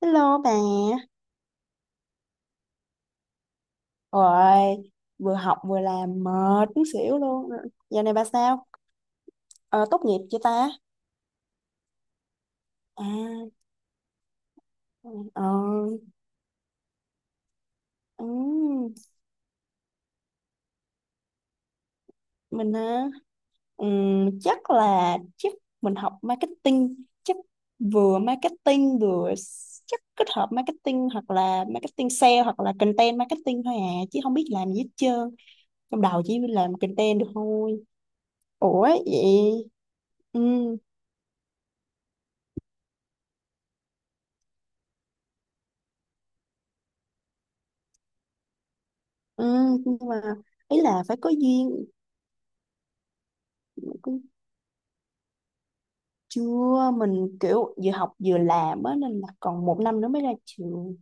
Hello bà, rồi vừa học vừa làm mệt muốn xỉu luôn. Giờ này bà sao? Ờ, tốt nghiệp chưa ta? À, ờ, ừm, mình hả? Chắc mình học marketing, chắc vừa marketing vừa s- chắc kết hợp marketing hoặc là marketing sale hoặc là content marketing thôi à, chứ không biết làm gì hết trơn. Trong đầu chỉ làm content được thôi. Ủa vậy? Ừ, ừ, nhưng mà ý là phải có duyên. Cũng chưa, mình kiểu vừa học vừa làm á, nên là còn một năm nữa mới ra trường.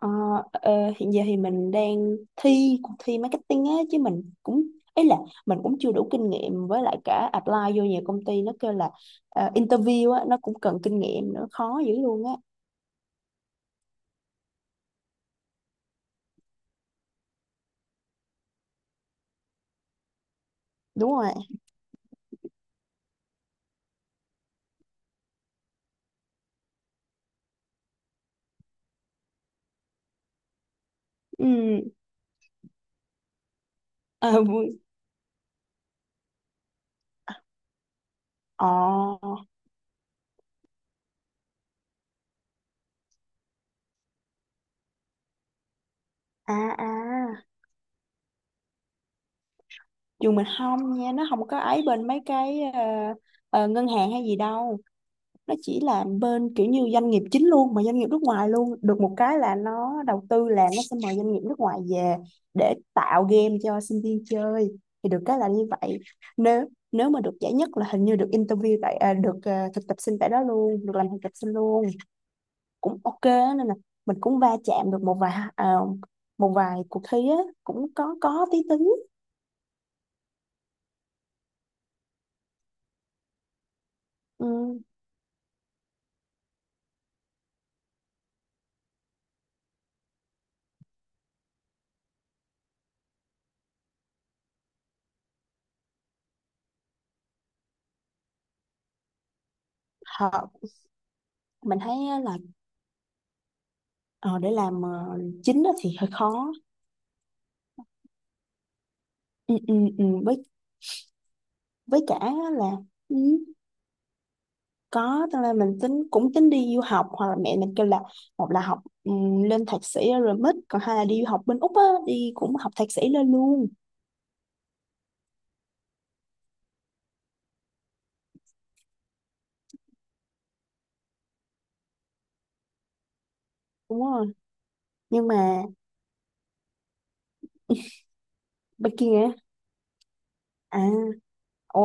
Ờ, ờ, hiện giờ thì mình đang thi cuộc thi marketing á, chứ ấy là mình cũng chưa đủ kinh nghiệm, với lại cả apply vô nhiều công ty, nó kêu là interview á, nó cũng cần kinh nghiệm nữa, khó dữ luôn á. Đúng rồi. Ừ. Ờ vui. Ờ. À. À, trường mình không nha, nó không có ấy, bên mấy cái ngân hàng hay gì đâu, nó chỉ là bên kiểu như doanh nghiệp chính luôn, mà doanh nghiệp nước ngoài luôn. Được một cái là nó đầu tư, là nó sẽ mời doanh nghiệp nước ngoài về để tạo game cho sinh viên chơi, thì được cái là như vậy. Nếu nếu mà được giải nhất là hình như được interview tại, được, thực tập sinh tại đó luôn, được làm thực tập sinh luôn, cũng ok á, nên là mình cũng va chạm được một vài cuộc thi á, cũng có tí tính. Ừ, họ. Mình thấy á là ờ, để làm chính á thì hơi khó. Ừ, ừ, ừ. Với cả á là, ừ, có, tức là mình tính, cũng tính đi du học, hoặc là mẹ mình kêu là một là học, lên thạc sĩ ở rồi mít, còn hai là đi du học bên Úc á, đi cũng học thạc sĩ lên luôn. Đúng rồi, nhưng mà bên kia á. À. Ồ.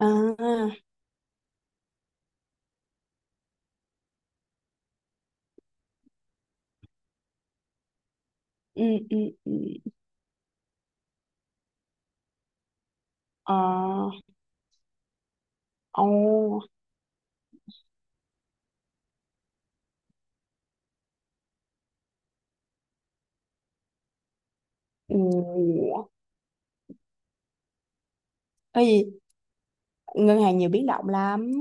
À. Ừ. Ừ. Ừ. Ờ. Ồ. Ừ. Cái gì? Ngân hàng nhiều biến động lắm.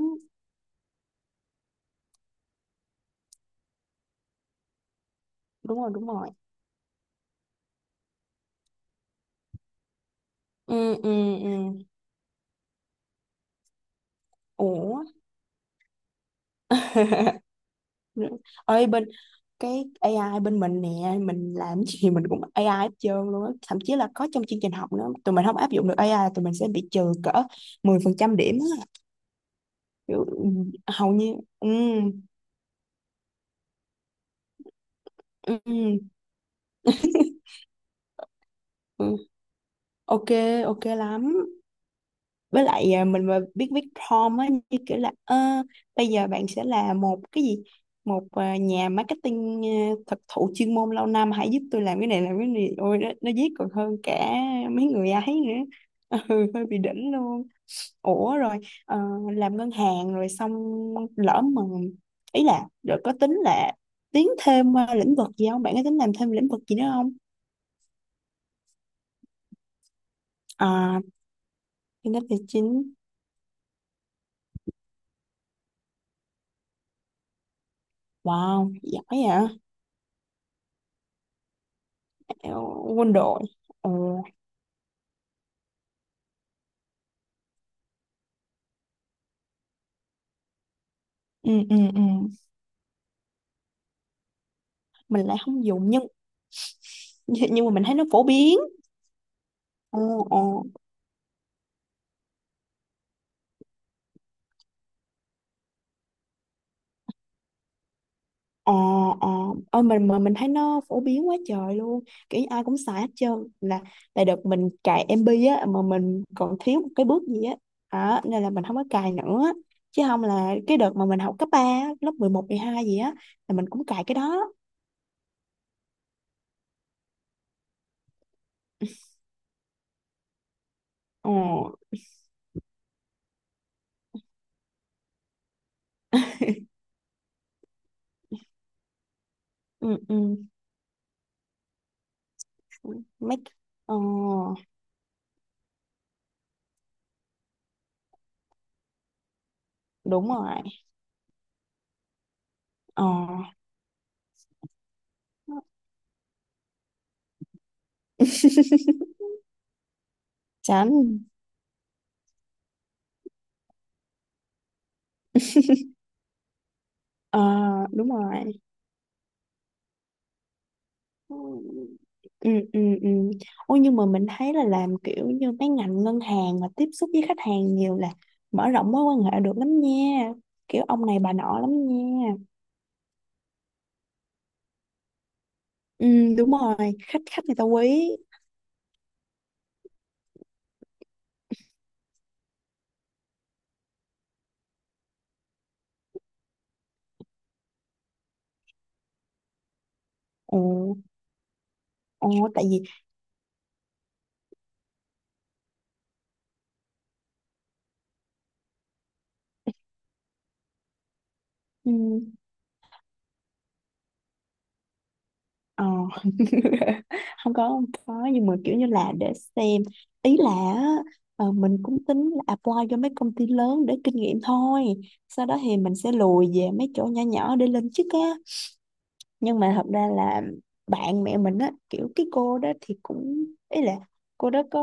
Đúng rồi, đúng rồi. Ừ. Ừ. Ừ. Ủa. Ơi, bên cái AI bên mình nè, mình làm gì mình cũng AI hết trơn luôn á, thậm chí là có trong chương trình học nữa, tụi mình không áp dụng được AI là tụi mình sẽ bị trừ cỡ 10% điểm á. Kiểu, ừ, hầu như. Ừ. Ừ. Ừ. Ok. Ok lắm, với lại, mình mà biết viết prompt á, như kiểu là "Ờ, bây giờ bạn sẽ là một cái gì một à, nhà marketing thực thụ, chuyên môn lâu năm, hãy giúp tôi làm cái này làm cái này", ôi nó viết còn hơn cả mấy người ấy nữa. Ừ, hơi bị đỉnh luôn. Ủa rồi, ờ, làm ngân hàng rồi xong, lỡ mà, ý là, rồi có tính là tiến thêm lĩnh vực gì không, bạn có tính làm thêm lĩnh vực gì nữa không? À, kinh tế tài chính. Wow, giỏi vậy. Ờ, quân đội. Ừ. Ừ. Ừ. Ừ. Mình lại không dùng, nhưng mà mình thấy nó phổ biến. Ồ. Ồ. Ồ. Ồ. Ôi, mình mà mình thấy nó phổ biến quá trời luôn, kiểu như ai cũng xài hết trơn, là là đợt mình cài MB á, mà mình còn thiếu một cái bước gì á, nên là mình không có cài nữa, chứ không là cái đợt mà mình học cấp 3, lớp 11, 12 gì á, là mình cũng cài cái đó. Ồ. Ừ. Ừ. Mấy. Ờ. Đúng rồi. Ờ. Chán. Ờ. Đúng rồi. Ừ. Ừ. Ừ. Ừ. Ôi, nhưng mà mình thấy là làm kiểu như mấy ngành ngân hàng mà tiếp xúc với khách hàng nhiều là mở rộng mối quan hệ được lắm nha, kiểu ông này bà nọ lắm nha. Ừ. Đúng rồi, khách, khách người ta quý. Ồ. Ồ. Tại vì. Ừ. Ờ. Không có, không có, nhưng mà kiểu như là để xem, ý là á, mình cũng tính là apply cho mấy công ty lớn để kinh nghiệm thôi, sau đó thì mình sẽ lùi về mấy chỗ nhỏ nhỏ để lên chức á. Nhưng mà thật ra là bạn mẹ mình á, kiểu cái cô đó thì cũng, ý là cô đó có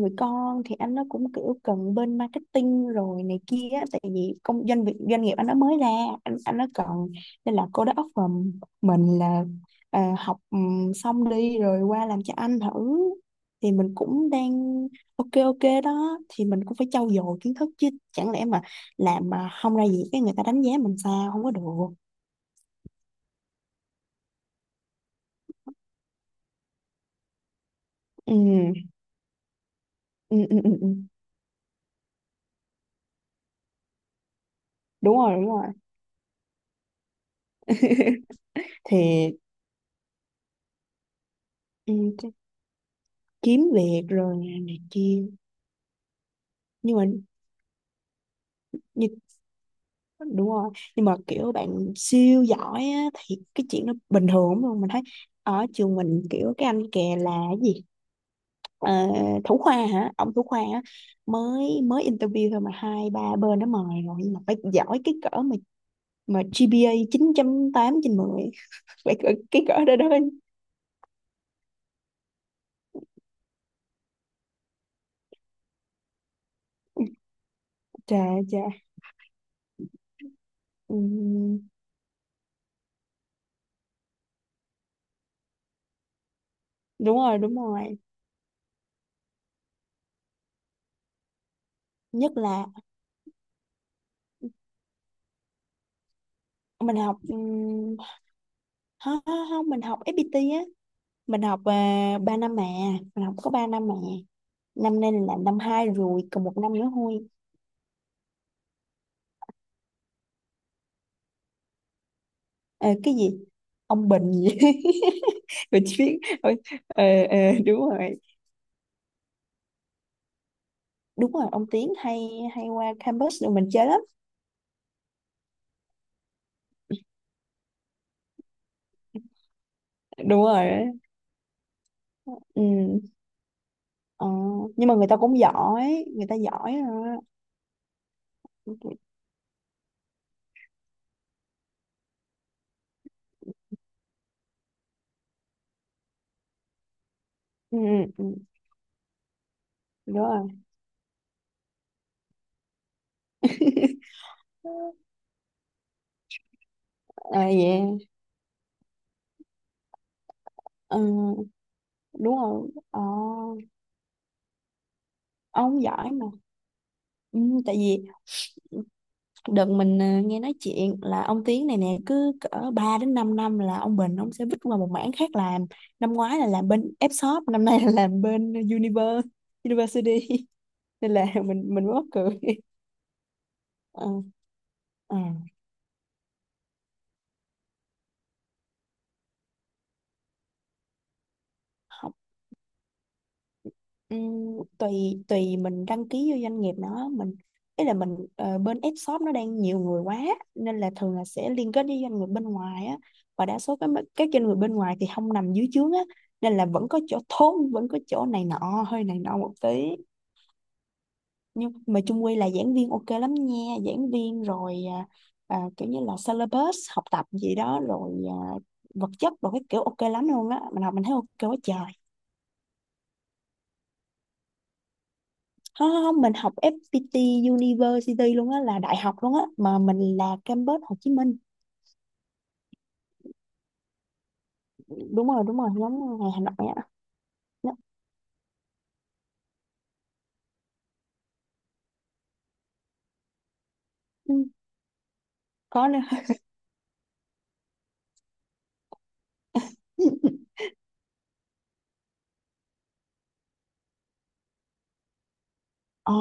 người con, thì anh nó cũng kiểu cần bên marketing rồi này kia á, tại vì công doanh, việc doanh nghiệp anh nó mới ra, anh nó cần, nên là cô đó offer mình là, học xong đi rồi qua làm cho anh thử, thì mình cũng đang ok, ok đó, thì mình cũng phải trau dồi kiến thức, chứ chẳng lẽ mà làm mà không ra gì, cái người ta đánh giá mình sao không có được. Ừ. Ừ. Ừ. Ừ. Ừ. Đúng rồi, đúng rồi. Thì, ừ, chắc kiếm việc rồi này, này kia, nhưng mà như, đúng rồi, nhưng mà kiểu bạn siêu giỏi á, thì cái chuyện nó bình thường lắm luôn, mình thấy ở trường mình kiểu cái anh kè là cái gì, Ờ, thủ khoa hả, ông thủ khoa á, mới mới interview thôi mà hai ba bên nó mời rồi, nhưng mà phải giỏi cái cỡ mà GPA 9 8/10. Phải cỡ, cái cỡ đó đó. Trời, trời. Ừ, đúng rồi, đúng rồi. Nhất là mình học không, không không, mình học FPT á, mình học 3 năm mà, mình học có 3 năm mà, năm nay là năm hai rồi, còn một năm nữa thôi. Ờ, cái gì, ông Bình gì. Mình chỉ biết. Ờ. Ờ. Ờ. Đúng rồi. Đúng rồi, ông Tiến hay hay qua campus rồi mình chơi lắm. Đúng rồi. Ừ. ờ, nhưng mà người ta cũng giỏi, người ta giỏi à. Ừ. Ừ. Ừ. Đúng rồi. À, yeah. Ừ, đúng rồi. Ờ, ông giỏi mà. Ừ, tại vì đợt mình nghe nói chuyện là ông Tiến này nè, cứ cỡ 3 đến 5 năm là ông Bình ông sẽ vứt qua một mảng khác làm. Năm ngoái là làm bên F-shop, năm nay là làm bên University. Nên là mình mới mắc cười. Ờ. Ờ. Tùy, tùy mình đăng ký vô doanh nghiệp nó, mình ý là mình, bên F shop nó đang nhiều người quá, nên là thường là sẽ liên kết với doanh nghiệp bên ngoài á, và đa số các doanh nghiệp bên ngoài thì không nằm dưới trướng á, nên là vẫn có chỗ thốn, vẫn có chỗ này nọ, hơi này nọ một tí. Nhưng mà chung quy là giảng viên ok lắm nha, giảng viên rồi, kiểu như là syllabus học tập gì đó, rồi vật chất rồi cái kiểu ok lắm luôn á, mình học mình thấy ok quá trời. Không không không, mình học FPT University luôn á, là đại học luôn á, mà mình là campus Hồ Chí Minh. Đúng rồi, đúng rồi, giống ngày Hà Nội á. Nó. Ừ, có nữa. Ờ,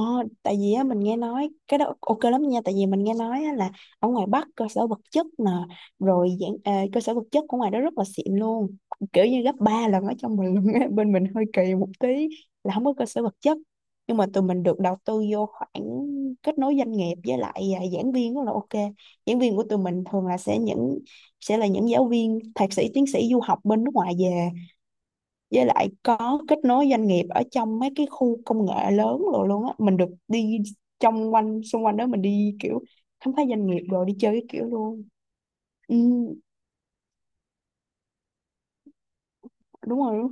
tại vì á, mình nghe nói cái đó ok lắm nha, tại vì mình nghe nói á, là ở ngoài Bắc cơ sở vật chất nè, rồi dạng, cơ sở vật chất của ngoài đó rất là xịn luôn, kiểu như gấp 3 lần ở trong mình luôn á. Bên mình hơi kỳ một tí, là không có cơ sở vật chất, nhưng mà tụi mình được đầu tư vô khoảng kết nối doanh nghiệp, với lại giảng viên rất là ok. Giảng viên của tụi mình thường là sẽ là những giáo viên thạc sĩ, tiến sĩ du học bên nước ngoài về, với lại có kết nối doanh nghiệp ở trong mấy cái khu công nghệ lớn, rồi luôn á, mình được đi trong quanh, xung quanh đó, mình đi kiểu khám phá doanh nghiệp rồi đi chơi cái kiểu luôn. Ừ, đúng rồi, đúng.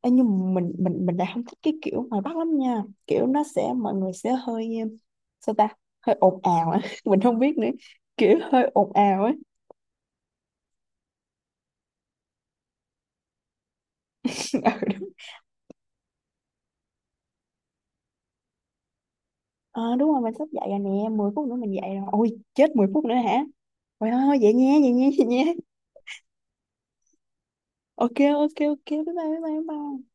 Ê, nhưng mà mình lại không thích cái kiểu ngoài Bắc lắm nha, kiểu nó sẽ, mọi người sẽ hơi sao ta, hơi ồn ào á. Mình không biết nữa, kiểu hơi ồn ào á. Ừ, đúng. Ờ, đúng rồi, mình sắp dậy rồi nè, 10 phút nữa mình dậy rồi, ôi chết, 10 phút nữa hả. Ôi thôi vậy nha, vậy nha, vậy nha. Ok. Ok, ok, bye bye, bye bye bye.